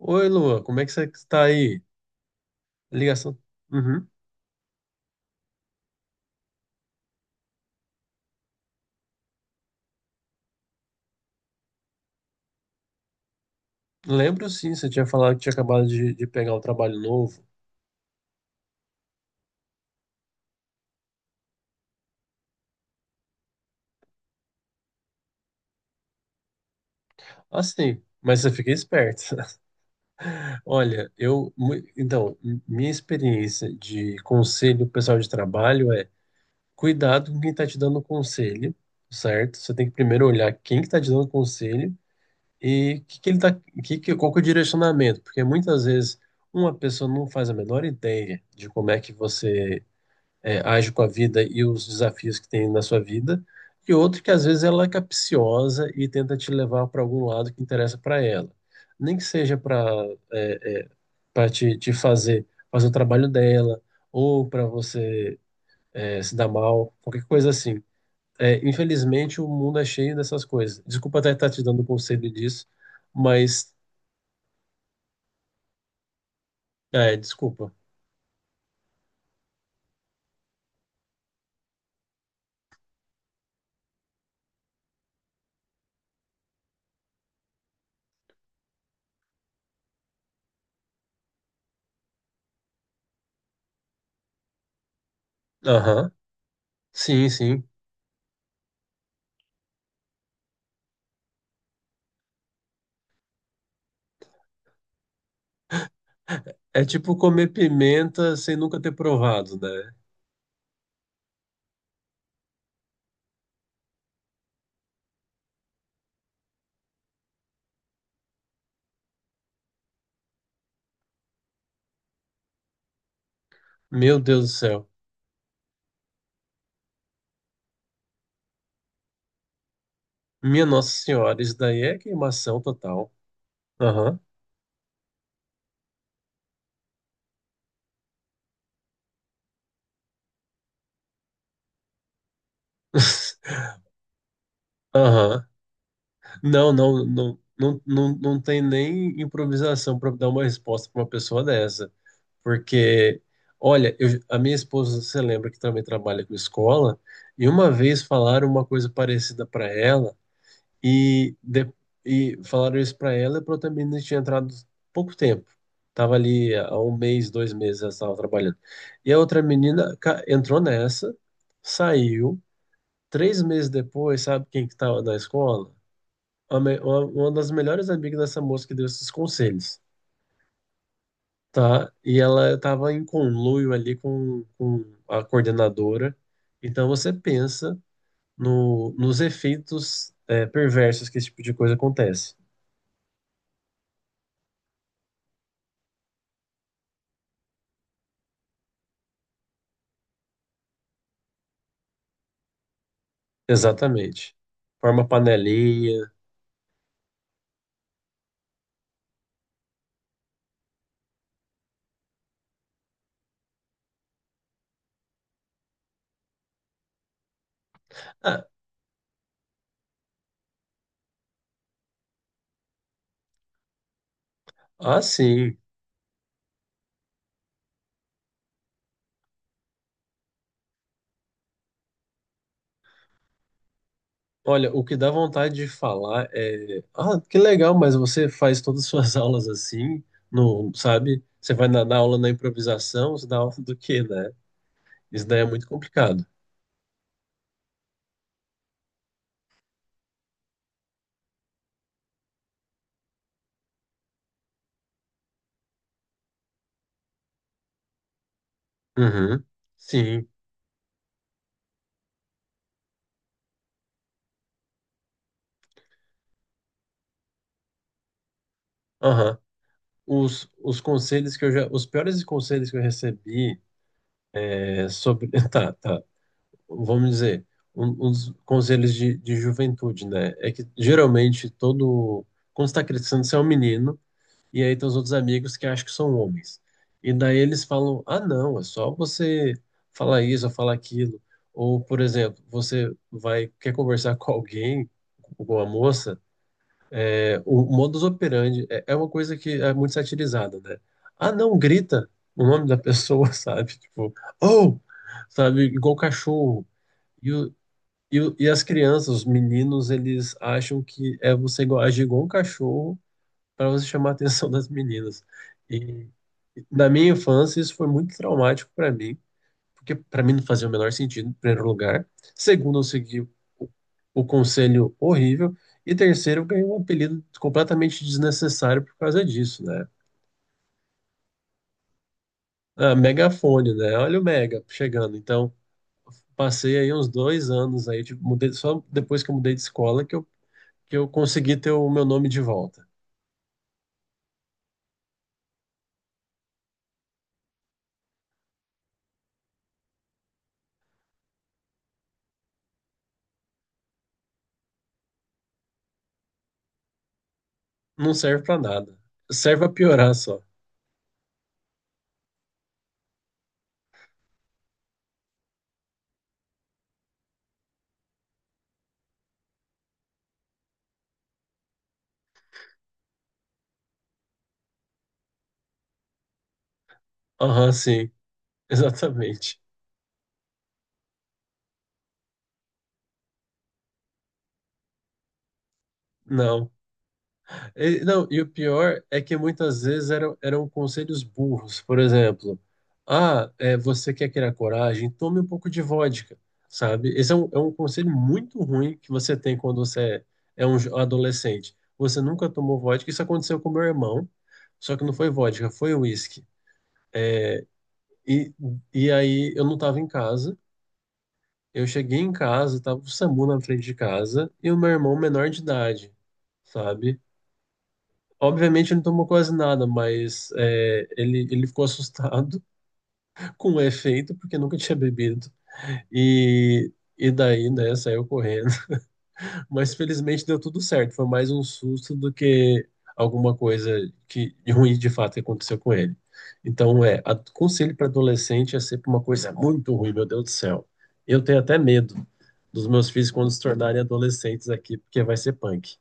Oi, Lua, como é que você está aí? Ligação. Uhum. Lembro sim, você tinha falado que tinha acabado de pegar um trabalho novo. Assim, mas você fica esperto. Olha, então, minha experiência de conselho pro pessoal de trabalho é cuidado com quem está te dando conselho, certo? Você tem que primeiro olhar quem que está te dando conselho e que ele tá, qual que é o direcionamento, porque muitas vezes uma pessoa não faz a menor ideia de como é que você age com a vida e os desafios que tem na sua vida, e outro que às vezes ela é capciosa e tenta te levar para algum lado que interessa para ela. Nem que seja para é, é, para te fazer fazer o trabalho dela, ou para você se dar mal, qualquer coisa assim. É, infelizmente, o mundo é cheio dessas coisas. Desculpa até estar te dando um conselho disso, mas. É, desculpa. Aham. Sim, sim. É tipo comer pimenta sem nunca ter provado, né? Meu Deus do céu. Minha Nossa Senhora, isso daí é queimação total. Aham. Aham. Não, não, não, não, não, não tem nem improvisação para dar uma resposta para uma pessoa dessa. Porque, olha, a minha esposa, você lembra que também trabalha com escola, e uma vez falaram uma coisa parecida para ela, E, de, e falaram isso pra ela, e pra outra menina tinha entrado pouco tempo. Tava ali há um mês, dois meses, ela estava trabalhando. E a outra menina entrou nessa, saiu. Três meses depois, sabe quem que estava na escola? Uma das melhores amigas dessa moça que deu esses conselhos, tá? E ela estava em conluio ali com a coordenadora. Então você pensa no, nos efeitos, perversos que esse tipo de coisa acontece. Exatamente. Forma panelinha. Ah, sim. Olha, o que dá vontade de falar é, ah, que legal, mas você faz todas as suas aulas assim, não, sabe? Você vai na aula na improvisação, você dá aula do quê, né? Isso daí é muito complicado. Uhum. Sim. Aham. Os piores conselhos que eu recebi é sobre, tá, tá. Vamos dizer, uns conselhos de juventude, né? É que geralmente todo. Quando você tá crescendo, você é um menino, e aí tem os outros amigos que acham que são homens. E daí eles falam: ah, não, é só você falar isso ou falar aquilo. Ou, por exemplo, você quer conversar com alguém, com a moça, o modus operandi é uma coisa que é muito satirizada, né? Ah, não, grita o nome da pessoa, sabe? Tipo, oh! Sabe? Igual cachorro. E, o- e as crianças, os meninos, eles acham que é você agir igual um cachorro para você chamar a atenção das meninas. E na minha infância, isso foi muito traumático para mim, porque para mim não fazia o menor sentido, em primeiro lugar. Segundo, eu segui o conselho horrível. E terceiro, eu ganhei um apelido completamente desnecessário por causa disso, né? Ah, megafone, né? Olha o Mega chegando. Então, passei aí uns dois anos aí, tipo, mudei, só depois que eu mudei de escola que eu consegui ter o meu nome de volta. Não serve pra nada. Serve pra piorar só. Aham, sim, exatamente. Não. E, não, e o pior é que muitas vezes eram conselhos burros. Por exemplo, ah, você quer criar coragem? Tome um pouco de vodka, sabe? Esse é um conselho muito ruim que você tem quando você é um adolescente. Você nunca tomou vodka. Isso aconteceu com meu irmão, só que não foi vodka, foi uísque. E, e aí eu não estava em casa. Eu cheguei em casa, tava o SAMU na frente de casa e o meu irmão menor de idade, sabe? Obviamente ele não tomou quase nada, mas ele ficou assustado com o efeito porque nunca tinha bebido. E, e daí, né, saiu correndo. Mas felizmente deu tudo certo. Foi mais um susto do que alguma coisa que de ruim de fato que aconteceu com ele. Então, conselho para adolescente é sempre uma coisa muito ruim, meu Deus do céu. Eu tenho até medo dos meus filhos quando se tornarem adolescentes aqui, porque vai ser punk.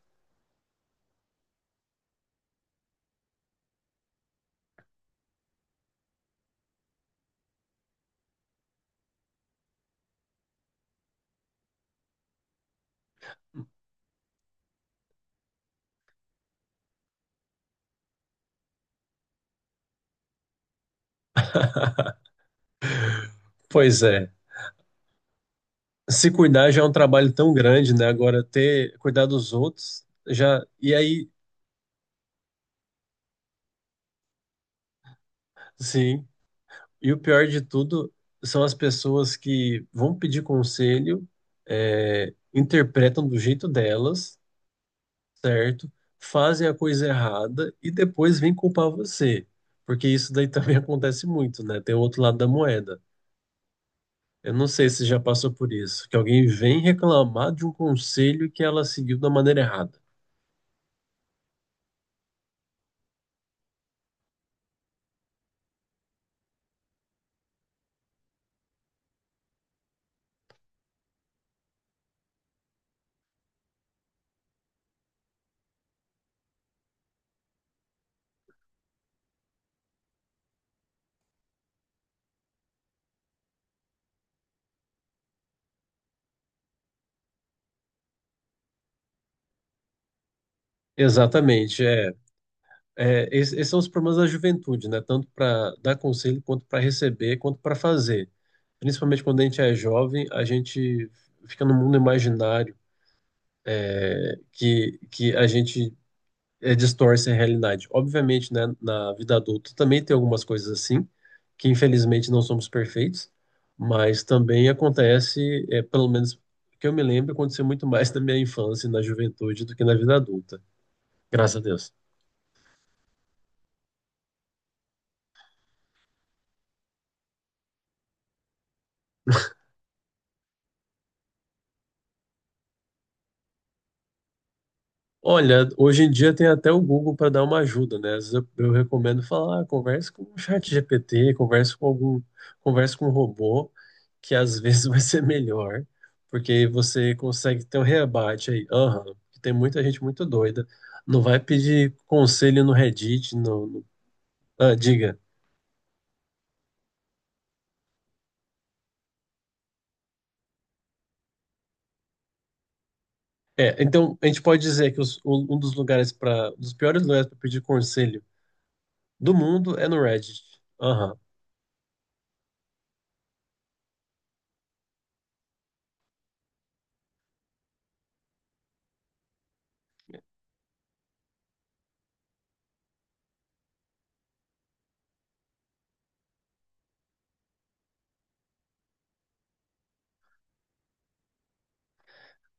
Pois é. Se cuidar já é um trabalho tão grande, né? Agora ter cuidar dos outros já. E aí, sim. E o pior de tudo são as pessoas que vão pedir conselho, interpretam do jeito delas, certo? Fazem a coisa errada e depois vêm culpar você. Porque isso daí também acontece muito, né? Tem o outro lado da moeda. Eu não sei se já passou por isso, que alguém vem reclamar de um conselho que ela seguiu da maneira errada. Exatamente, é. É, esses são os problemas da juventude, né? Tanto para dar conselho, quanto para receber, quanto para fazer. Principalmente quando a gente é jovem, a gente fica num mundo imaginário que a gente distorce a realidade. Obviamente, né, na vida adulta também tem algumas coisas assim, que infelizmente não somos perfeitos, mas também acontece, pelo menos que eu me lembro, aconteceu muito mais na minha infância e na juventude do que na vida adulta. Graças a Deus. Olha, hoje em dia tem até o Google para dar uma ajuda, né? Às vezes eu recomendo falar, ah, converse com o GPT, converse com algum, converse com um robô, que às vezes vai ser melhor, porque você consegue ter um rebate aí. Aham, porque tem muita gente muito doida. Não vai pedir conselho no Reddit, ah, diga. É, então a gente pode dizer que um dos lugares dos piores lugares para pedir conselho do mundo é no Reddit. Aham.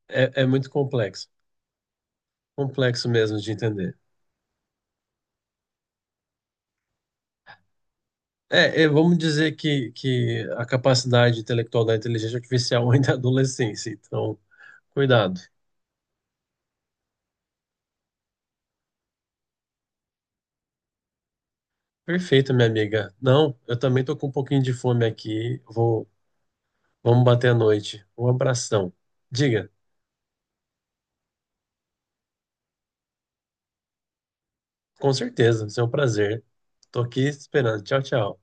É muito complexo, complexo mesmo de entender. Vamos dizer que, a capacidade intelectual da inteligência artificial ainda é adolescência, então, cuidado. Perfeito, minha amiga. Não, eu também tô com um pouquinho de fome aqui. Vamos bater a noite. Um abração. Diga, com certeza, isso é um prazer. Tô aqui esperando. Tchau, tchau.